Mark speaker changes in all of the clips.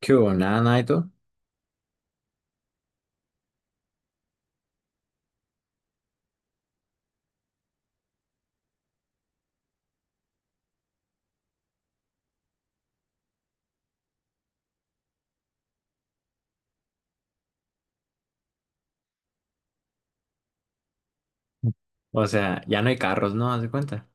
Speaker 1: Que hubo, nada, nada y todo. O sea, ya no hay carros, ¿no? Haz de cuenta.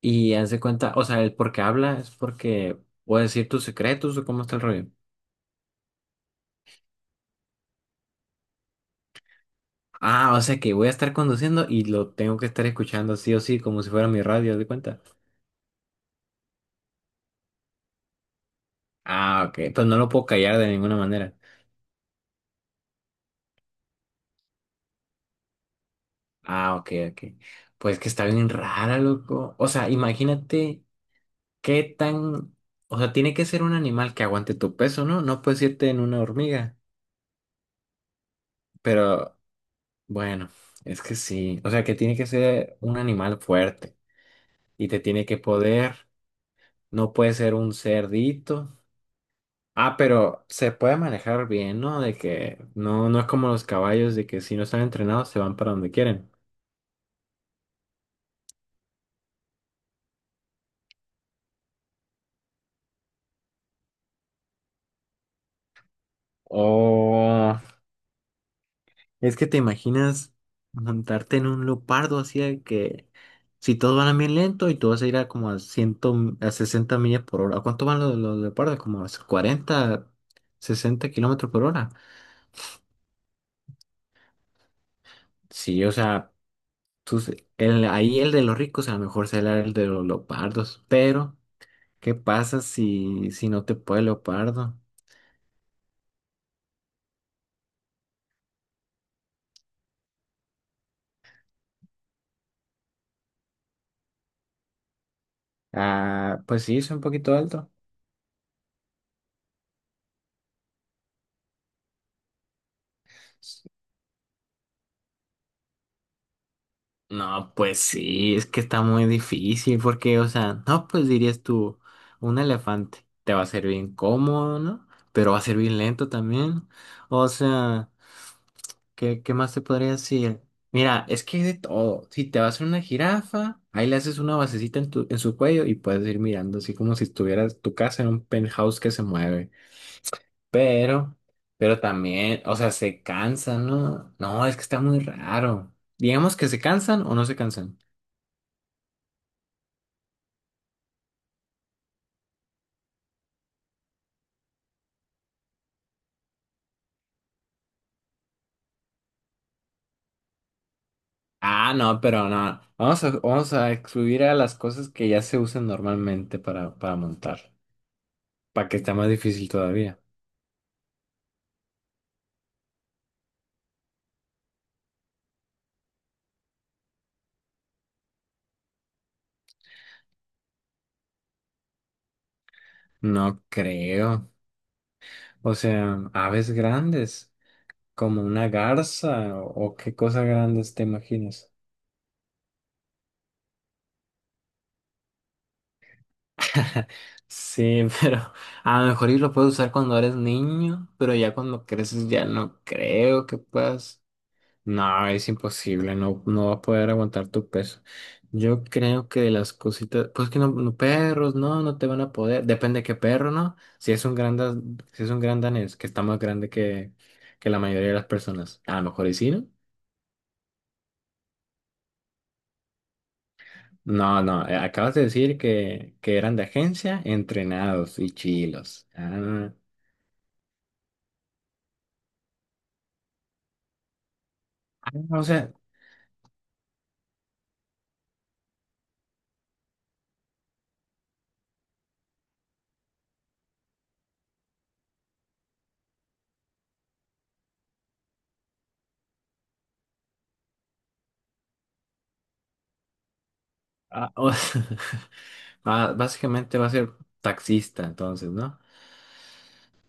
Speaker 1: Y haz de cuenta, o sea, el por qué habla es porque puedo decir tus secretos o cómo está el rollo. Ah, o sea que voy a estar conduciendo y lo tengo que estar escuchando sí o sí, como si fuera mi radio, haz de cuenta. Ah, ok, pues no lo puedo callar de ninguna manera. Ah, ok, ok. Pues que está bien rara, loco. O sea, imagínate qué tan... O sea, tiene que ser un animal que aguante tu peso, ¿no? No puedes irte en una hormiga. Pero bueno, es que sí. O sea, que tiene que ser un animal fuerte y te tiene que poder. No puede ser un cerdito. Ah, pero se puede manejar bien, ¿no? De que no, no es como los caballos, de que si no están entrenados se van para donde quieren. O es que te imaginas montarte en un leopardo así de que si todos van a bien lento y tú vas a ir a como a 100, a 60 millas por hora. ¿A cuánto van los leopardos? Como a 40, 60 kilómetros por hora. Sí, o sea. Entonces, ahí el de los ricos a lo mejor será el de los leopardos, pero ¿qué pasa si, si no te puede el leopardo? Ah, pues sí, es un poquito alto. S- No, pues sí, es que está muy difícil porque, o sea, no, pues dirías tú, un elefante te va a ser bien cómodo, ¿no? Pero va a ser bien lento también. O sea... ¿Qué, qué más te podría decir? Mira, es que hay de todo. Si te vas a una jirafa, ahí le haces una basecita en tu, en su cuello y puedes ir mirando, así como si estuvieras tu casa en un penthouse que se mueve. Pero, pero también, o sea, se cansan, ¿no? No, es que está muy raro. Digamos que se cansan o no se cansan. Ah, no, pero no. Vamos a excluir a las cosas que ya se usan normalmente para montar, para que está más difícil todavía. No creo. O sea, aves grandes. Como una garza o qué cosas grandes te imaginas. Sí, pero a lo mejor y lo puedes usar cuando eres niño, pero ya cuando creces ya no creo que puedas. No, es imposible, no, no va a poder aguantar tu peso. Yo creo que de las cositas, pues que no, no, perros, no, no te van a poder. Depende de qué perro, ¿no? Si es un gran, da- Si es un gran danés, que está más grande que la mayoría de las personas, a lo mejor y sí, ¿no? No, no, acabas de decir que eran de agencia, entrenados y chilos. Ah, ah, o sea, ah, o- sea, ah, básicamente va a ser taxista entonces, ¿no?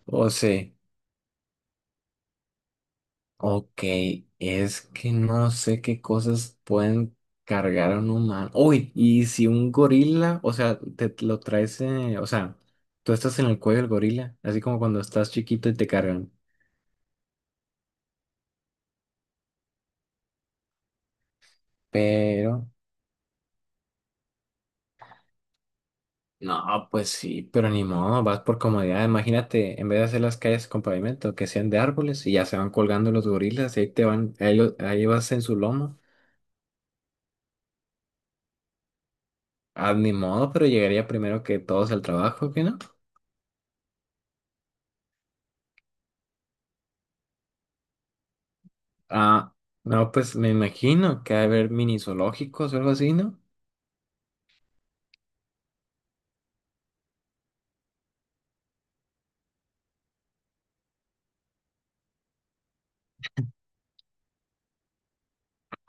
Speaker 1: O sea, ok, es que no sé qué cosas pueden cargar a un humano. Uy, y si un gorila, o sea, te lo traes, o sea, tú estás en el cuello del gorila, así como cuando estás chiquito y te cargan. Pero. No, pues sí, pero ni modo, vas por comodidad. Imagínate, en vez de hacer las calles con pavimento, que sean de árboles y ya se van colgando los gorilas, y ahí te van, ahí vas en su lomo. Ah, ni modo, pero llegaría primero que todos al trabajo, ¿qué no? Ah, no, pues me imagino que va a haber mini zoológicos o algo así, ¿no?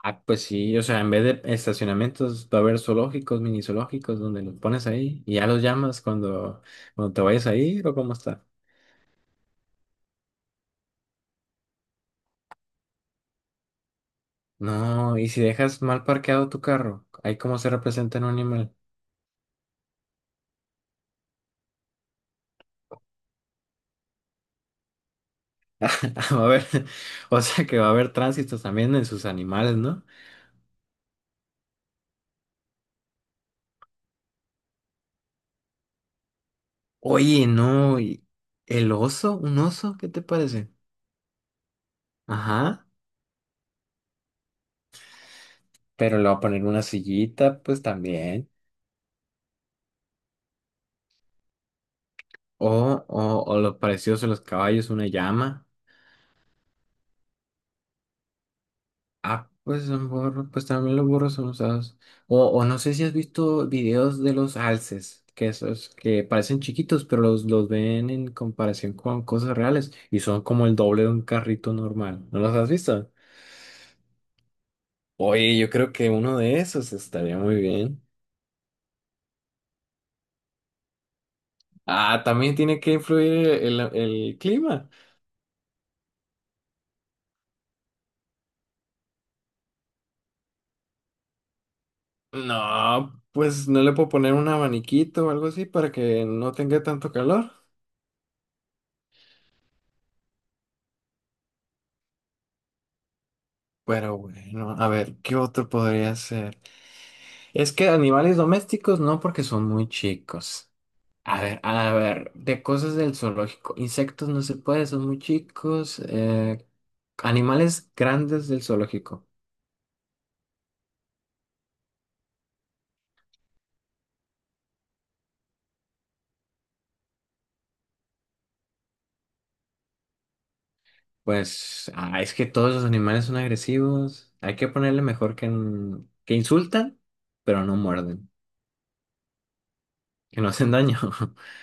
Speaker 1: Ah, pues sí, o sea, en vez de estacionamientos va a haber zoológicos, mini zoológicos, donde los pones ahí y ya los llamas cuando te vayas a ir o cómo está. No, y si dejas mal parqueado tu carro, ahí cómo se representa en un animal. Va a haber, o sea que va a haber tránsitos también en sus animales, ¿no? Oye, no, y el oso, un oso, ¿qué te parece? Ajá, pero le va a poner una sillita, pues también. O lo precioso, de los caballos, una llama. Ah, pues a lo mejor, pues también los burros son usados. O no sé si has visto videos de los alces, que esos que parecen chiquitos, pero los ven en comparación con cosas reales y son como el doble de un carrito normal. ¿No los has visto? Oye, yo creo que uno de esos estaría muy bien. Ah, también tiene que influir el clima. No, pues no le puedo poner un abaniquito o algo así para que no tenga tanto calor. Pero bueno, a ver, ¿qué otro podría ser? Es que animales domésticos no, porque son muy chicos. A ver, de cosas del zoológico. Insectos no se puede, son muy chicos. Animales grandes del zoológico. Pues ah, es que todos los animales son agresivos. Hay que ponerle mejor que, que insultan, pero no muerden, que no hacen daño.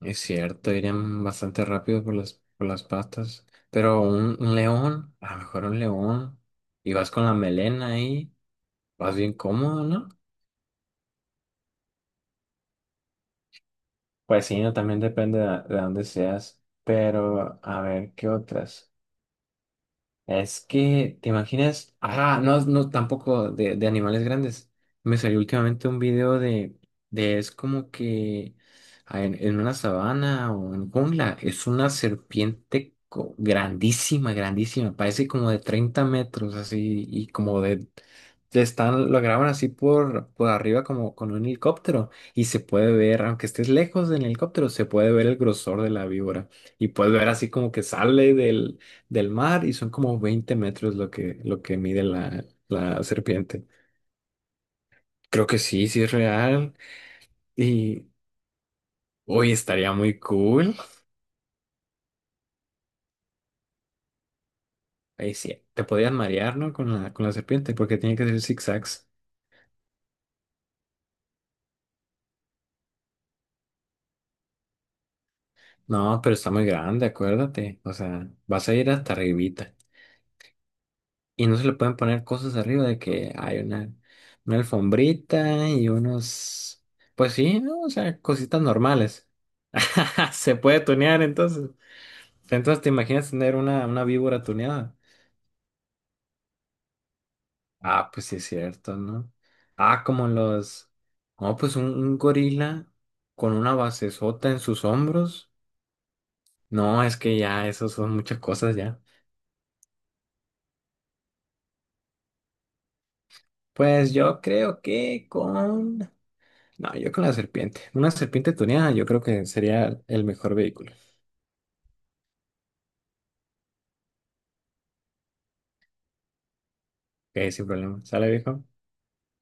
Speaker 1: Es cierto, irían bastante rápido por por las patas. Pero un león, a lo mejor un león, y vas con la melena ahí. Más bien cómodo, ¿no? Pues sí, no, también depende de dónde seas. Pero, a ver, ¿qué otras? Es que, ¿te imaginas? Ah, no, no, tampoco de, de animales grandes. Me salió últimamente un video de es como que ah, en una sabana o en jungla, es una serpiente grandísima, grandísima, parece como de 30 metros, así, de están, lo graban así por arriba como con un helicóptero, y se puede ver, aunque estés lejos del helicóptero, se puede ver el grosor de la víbora, y puedes ver así como que sale del mar y son como 20 metros lo que mide la, la serpiente. Creo que sí, sí es real. Y hoy estaría muy cool. Ahí sí, te podían marear, ¿no? Con la serpiente, porque tiene que hacer zigzags. No, pero está muy grande, acuérdate. O sea, vas a ir hasta arribita. Y no se le pueden poner cosas arriba de que hay una alfombrita y unos... Pues sí, ¿no? O sea, cositas normales. Se puede tunear entonces. Entonces, ¿te imaginas tener una víbora tuneada? Ah, pues sí es cierto, ¿no? Ah, como los... No, pues un gorila con una basezota en sus hombros. No, es que ya, eso son muchas cosas ya. Pues yo creo que con... No, yo con la serpiente. Una serpiente tuneada yo creo que sería el mejor vehículo. Ok, sin problema. ¿Sale, viejo?